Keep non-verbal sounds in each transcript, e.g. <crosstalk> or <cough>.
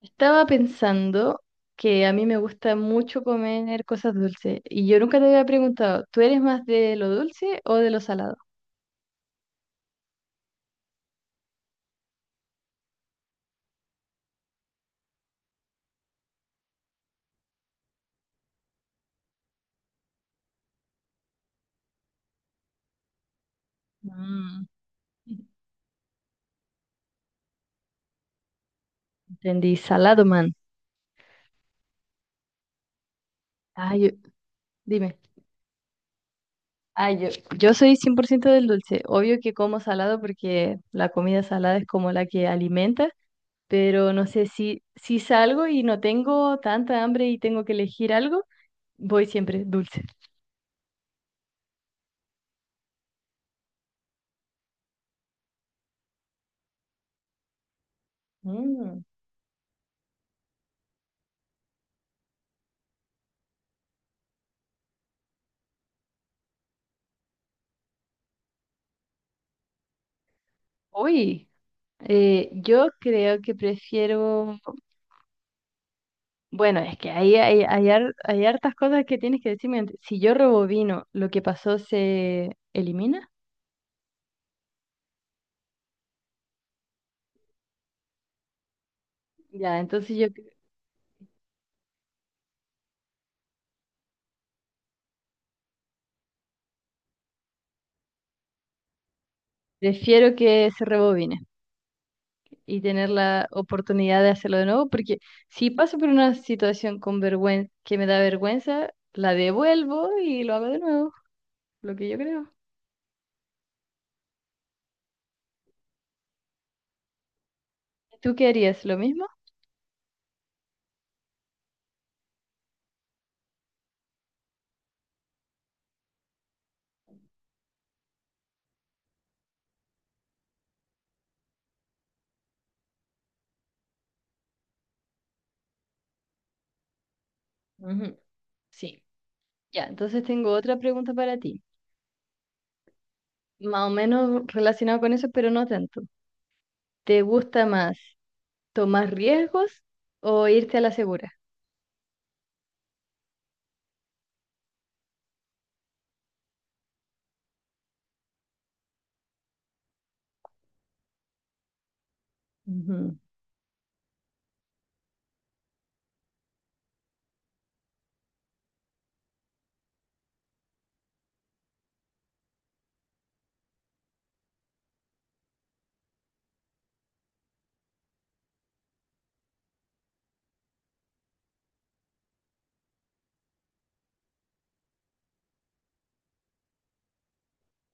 Estaba pensando que a mí me gusta mucho comer cosas dulces y yo nunca te había preguntado, ¿tú eres más de lo dulce o de lo salado? Mm, Entendí, salado, man. Ah, dime. Ah, yo soy 100% del dulce. Obvio que como salado porque la comida salada es como la que alimenta, pero no sé, si salgo y no tengo tanta hambre y tengo que elegir algo, voy siempre dulce. Mm. Uy, yo creo que prefiero. Bueno, es que ahí hay hartas cosas que tienes que decirme antes. Si yo rebobino, ¿lo que pasó se elimina? Ya, entonces yo prefiero que se rebobine y tener la oportunidad de hacerlo de nuevo, porque si paso por una situación con vergüenza, que me da vergüenza, la devuelvo y lo hago de nuevo, lo que yo creo. ¿Tú qué harías? ¿Lo mismo? Ujú. Sí. Ya, entonces tengo otra pregunta para ti, más o menos relacionado con eso, pero no tanto. ¿Te gusta más? ¿Tomar riesgos o irte a la segura? Ujú,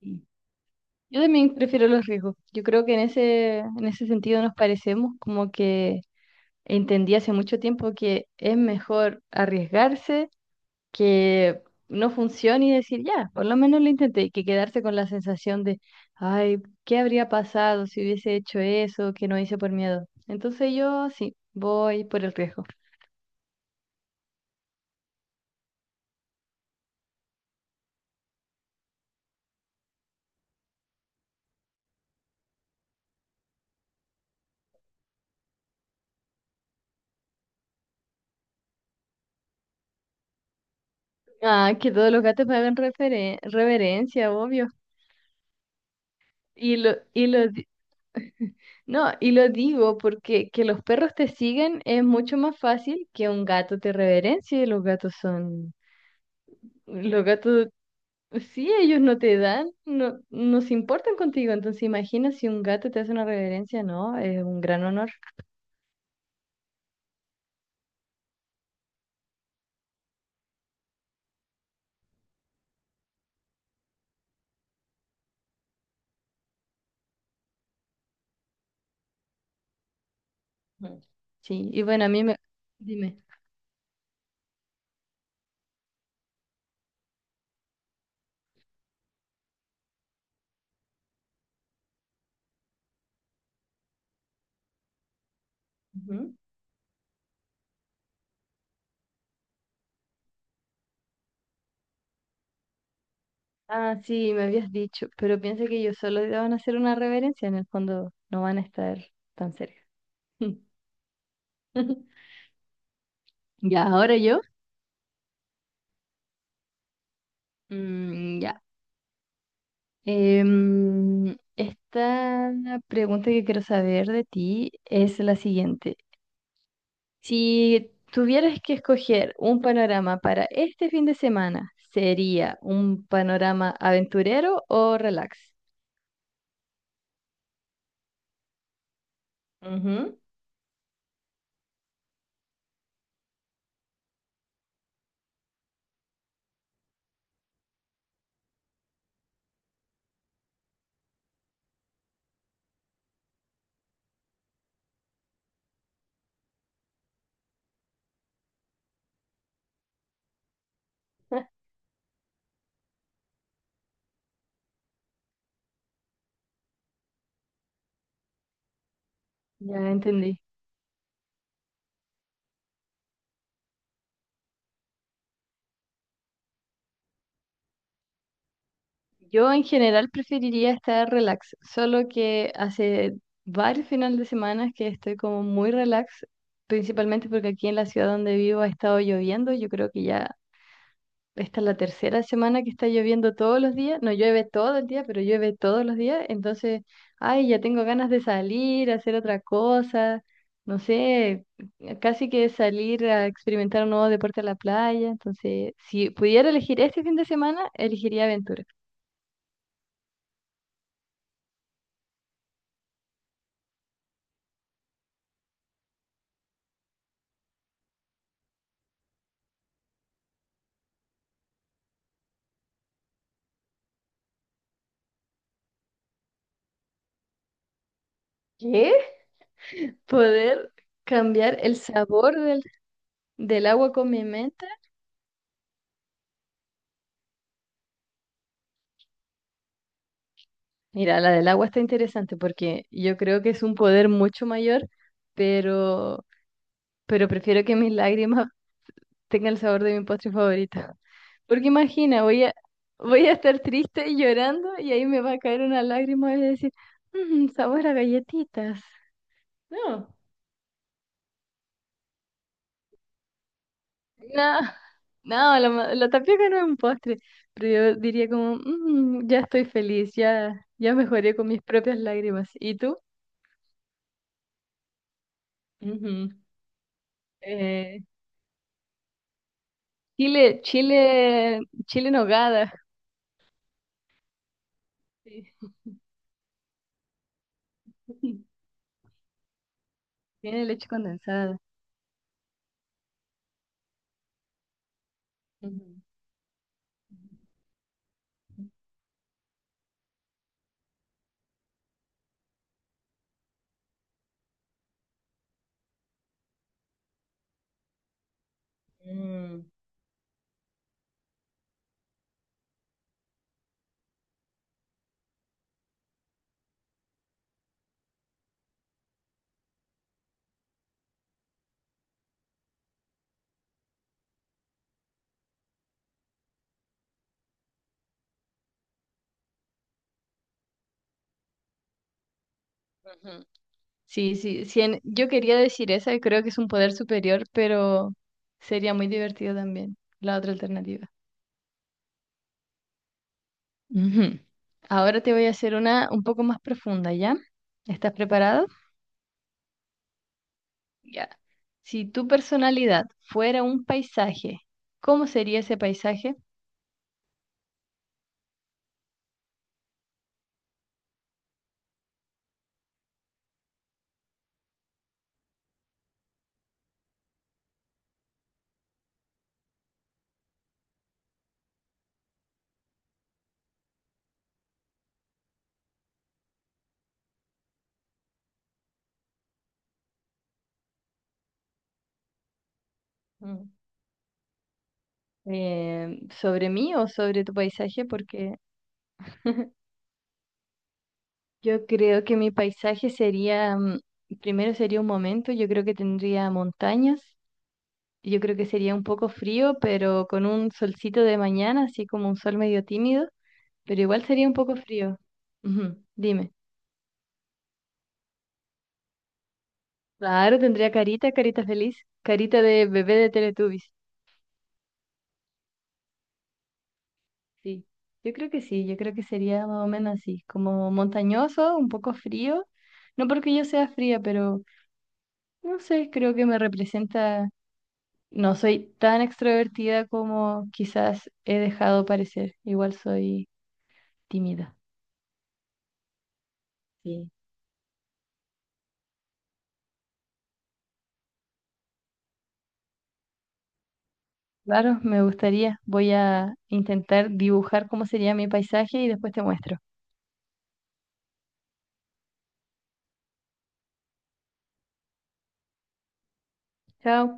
sí. Yo también prefiero los riesgos. Yo creo que en ese sentido nos parecemos, como que entendí hace mucho tiempo que es mejor arriesgarse que no funcione y decir, ya, por lo menos lo intenté, que quedarse con la sensación de, ay, ¿qué habría pasado si hubiese hecho eso que no hice por miedo? Entonces yo sí, voy por el riesgo. Ah, que todos los gatos me hagan reverencia, obvio. Y lo, y lo, No, y lo digo porque que los perros te sigan es mucho más fácil que un gato te reverencie. Los gatos, sí, ellos no te dan, no, no se importan contigo. Entonces imagina si un gato te hace una reverencia, no, es un gran honor. Ujú. Sí, y bueno, dime. Ujú. Ah, sí, me habías dicho, pero piensa que ellos solo te van a hacer una reverencia, en el fondo no van a estar tan cerca. <laughs> Ya, ahora yo. Ya. Esta pregunta que quiero saber de ti es la siguiente. Si tuvieras que escoger un panorama para este fin de semana, ¿sería un panorama aventurero o relax? Ujú. <laughs> Ya entendí. Yo en general preferiría estar relax, solo que hace varios finales de semana que estoy como muy relax, principalmente porque aquí en la ciudad donde vivo ha estado lloviendo, yo creo que ya esta es la tercera semana que está lloviendo todos los días. No llueve todo el día, pero llueve todos los días. Entonces, ay, ya tengo ganas de salir, hacer otra cosa. No sé, casi que salir a experimentar un nuevo deporte a la playa. Entonces, si pudiera elegir este fin de semana, elegiría aventura. ¿Qué? Poder cambiar el sabor del agua con mi mente. Mira, la del agua está interesante porque yo creo que es un poder mucho mayor, pero, pero prefiero que mis <laughs> lágrimas tenga el sabor de mi postre favorito. Porque imagina, voy a estar triste y llorando y ahí me va a caer una lágrima y voy a decir, "Mm, sabor a galletitas. No, no, no, la tapioca no es un postre, pero yo diría como, "Mm, ya estoy feliz, ya, ya mejoré con mis propias lágrimas. ¿Y tú? Ujú. Eh, chile, chile, chile en nogada. Sí. <laughs> Tiene leche condensada. Ujú. Mm, ujú. Sí, sí, sí, yo quería decir esa, y creo que es un poder superior, pero sería muy divertido también la otra alternativa. Ujú. Ahora te voy a hacer una un poco más profunda, ¿ya? ¿Estás preparado? Ya. Si tu personalidad fuera un paisaje, ¿cómo sería ese paisaje? Mm. ¿Sobre mí o sobre tu paisaje? Porque <laughs> yo creo que mi paisaje sería, primero sería un momento. Yo creo que tendría montañas, yo creo que sería un poco frío, pero con un solcito de mañana, así como un sol medio tímido, pero igual sería un poco frío. Ujú. Dime. Claro, tendría carita, carita feliz, carita de bebé de Teletubbies. Sí, yo creo que sí, yo creo que sería más o menos así, como montañoso, un poco frío. No porque yo sea fría, pero no sé, creo que me representa. No soy tan extrovertida como quizás he dejado parecer. Igual soy tímida. Sí. Claro, me gustaría. Voy a intentar dibujar cómo sería mi paisaje y después te muestro. Chao.